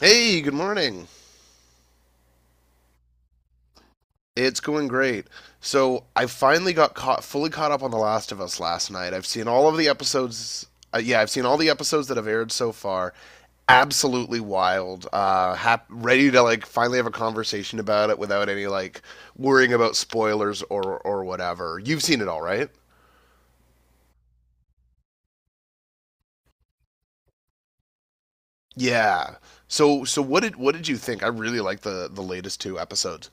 Hey, good morning. It's going great. So I finally got caught fully caught up on The Last of Us last night. I've seen all of the episodes. Yeah, I've seen all the episodes that have aired so far. Absolutely wild. Ready to finally have a conversation about it without any worrying about spoilers or whatever. You've seen it all, right? Yeah. So what did you think? I really like the latest two episodes.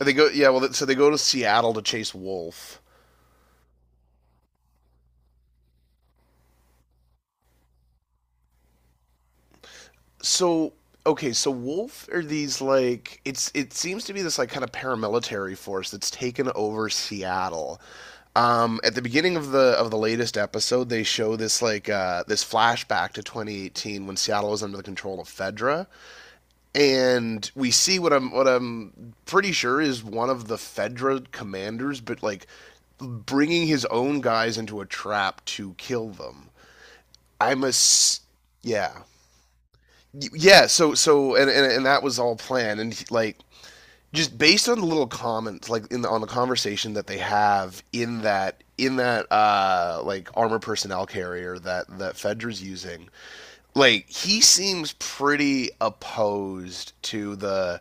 They go, yeah, well, so they go to Seattle to chase Wolf. So, okay, so, Wolf are these like it seems to be this like kind of paramilitary force that's taken over Seattle. At the beginning of the latest episode, they show this like this flashback to 2018 when Seattle was under the control of Fedra, and we see what I'm pretty sure is one of the Fedra commanders, but like bringing his own guys into a trap to kill them. I'm a Yeah, and, and that was all planned and just based on the little comments in on the conversation that they have in that armor personnel carrier that Fedra's using. Like he seems pretty opposed to the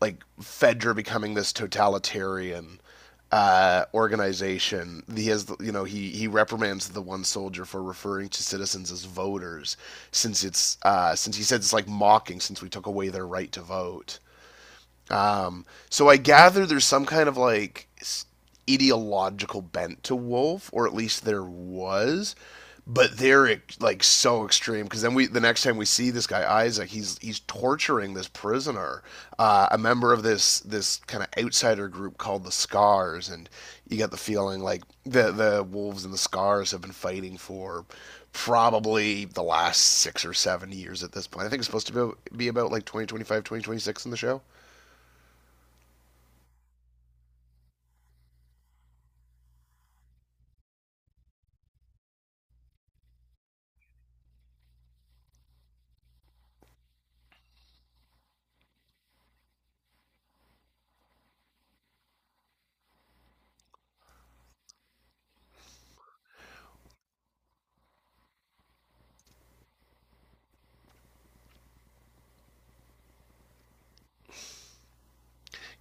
like Fedra becoming this totalitarian organization. He has, you know, he reprimands the one soldier for referring to citizens as voters, since it's since he said it's like mocking, since we took away their right to vote. So I gather there's some kind of like ideological bent to Wolf, or at least there was. But they're like so extreme because then we the next time we see this guy Isaac, he's torturing this prisoner, a member of this kind of outsider group called the Scars, and you get the feeling like the wolves and the Scars have been fighting for probably the last 6 or 7 years at this point. I think it's supposed to be about like 2025, 2026 in the show.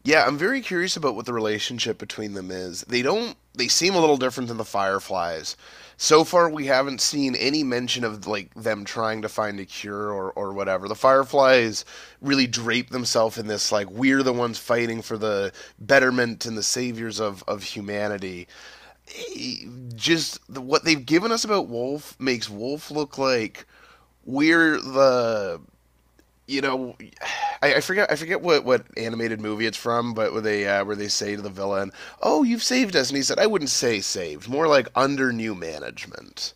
Yeah, I'm very curious about what the relationship between them is. They don't They seem a little different than the Fireflies. So far we haven't seen any mention of like them trying to find a cure or whatever. The Fireflies really drape themselves in this like we're the ones fighting for the betterment and the saviors of humanity. E- Just what they've given us about Wolf makes Wolf look like we're the you know, I forget what animated movie it's from, but where they say to the villain, "Oh, you've saved us," and he said, "I wouldn't say saved, more like under new management."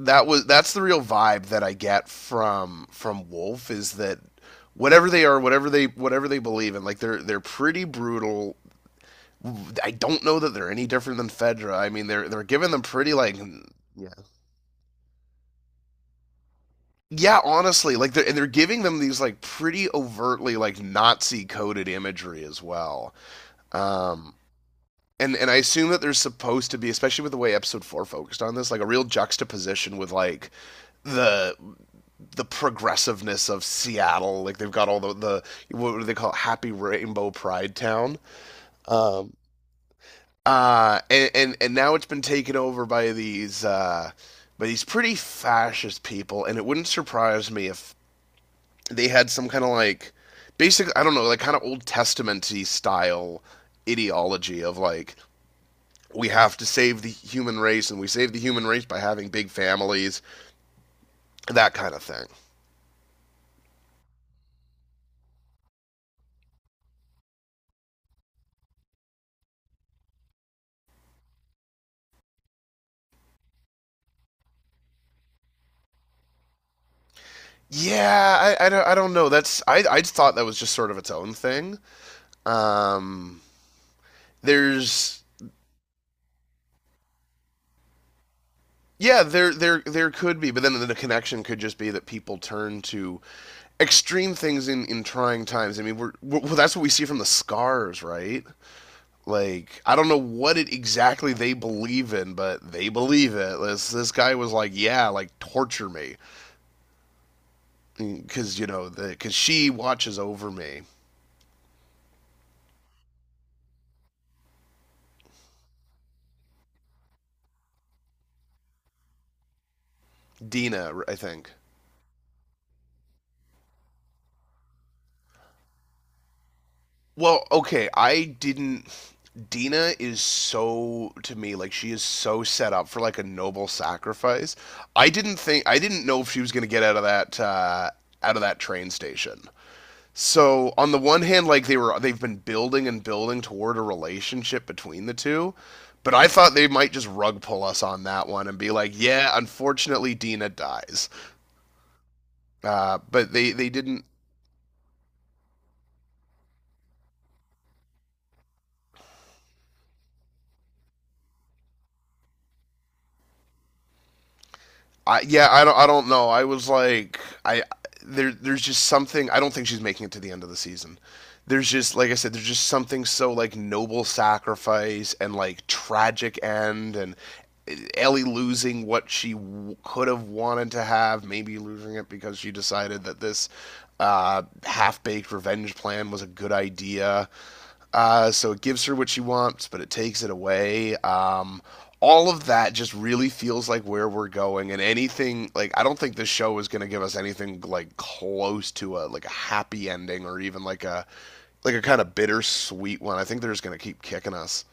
That's the real vibe that I get from Wolf, is that whatever they are, whatever they believe in, like they're pretty brutal. I don't know that they're any different than Fedra. I mean, they're giving them pretty like you. Yeah, honestly, like they're giving them these like pretty overtly like Nazi coded imagery as well. Um and I assume that there's supposed to be, especially with the way episode 4 focused on this, like a real juxtaposition with like the the progressiveness of Seattle. Like they've got all the what do they call it? Happy Rainbow Pride Town. And now it's been taken over by these pretty fascist people. And it wouldn't surprise me if they had some kind of like basic, I don't know, like kind of Old Testamenty style ideology of like we have to save the human race, and we save the human race by having big families, that kind of thing. Yeah, I don't know. That's I thought that was just sort of its own thing. Um, there's Yeah, there there could be, but then the connection could just be that people turn to extreme things in trying times. I mean, we, well, that's what we see from the scars, right? Like I don't know what it exactly they believe in, but they believe it. This guy was like, yeah, like torture me, because, you know, because she watches over me. Dina, I think. Well, okay, I didn't. Dina is, so, to me like she is so set up for like a noble sacrifice. I didn't know if she was gonna get out of that train station. So on the one hand, like they've been building and building toward a relationship between the two. But I thought they might just rug pull us on that one and be like, "Yeah, unfortunately, Dina dies." But they didn't. Yeah, I don't know. I was like, I there, there's just something. I don't think she's making it to the end of the season. There's just, like I said, there's just something so like noble sacrifice and like tragic end, and eh, Ellie losing what could have wanted to have, maybe losing it because she decided that this half-baked revenge plan was a good idea. So it gives her what she wants, but it takes it away. All of that just really feels like where we're going, and anything like I don't think this show is going to give us anything like close to a like a happy ending, or even like a kind of bittersweet one. I think they're just going to keep kicking us.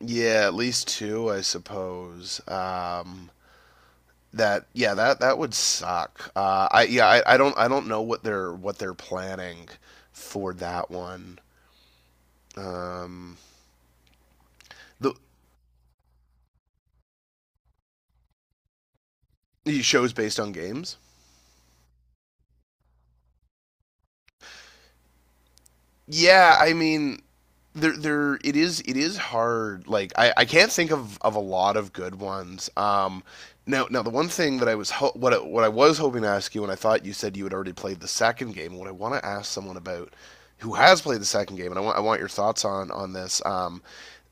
Yeah, at least two, I suppose. That yeah, that would suck. I yeah, I don't know what they're planning for that one. Um, the these shows based on games. Yeah, I mean, it is, hard. I can't think of, a lot of good ones. Now the one thing that what what I was hoping to ask you, and I thought you said you had already played the second game. What I want to ask someone about who has played the second game, and I want your thoughts on this.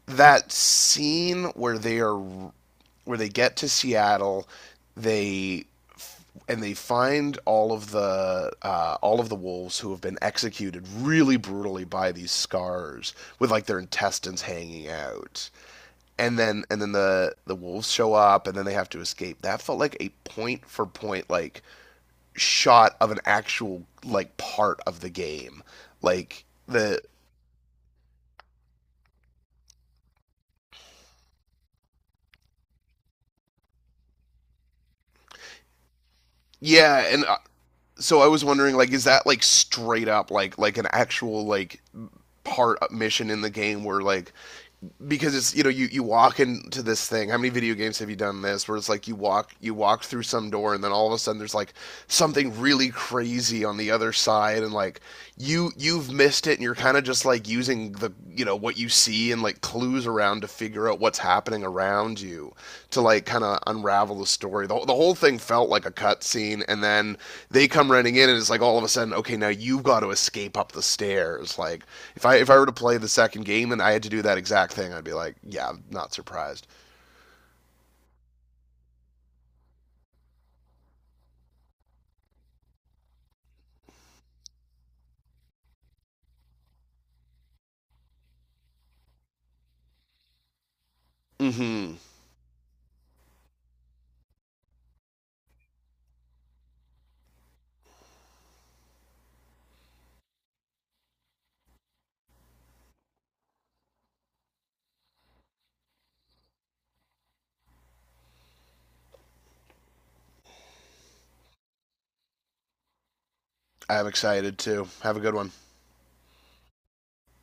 That scene where they are where they get to Seattle, they and they find all of the wolves who have been executed really brutally by these scars with like their intestines hanging out, and then the wolves show up, and then they have to escape. That felt like a point for point like shot of an actual like part of the game, like the yeah. And so I was wondering, like, is that like straight up like an actual like part mission in the game, where like because it's, you know, you walk into this thing. How many video games have you done this where it's like you walk through some door and then all of a sudden there's like something really crazy on the other side, and like you've missed it, and you're kind of just like using the, you know, what you see and like clues around to figure out what's happening around you, to like kind of unravel the story. The whole thing felt like a cutscene, and then they come running in, and it's like all of a sudden, okay, now you've got to escape up the stairs. Like if I were to play the second game and I had to do that exact thing, I'd be like, yeah, I'm not surprised. Mm-hmm. I'm excited too. Have a good one.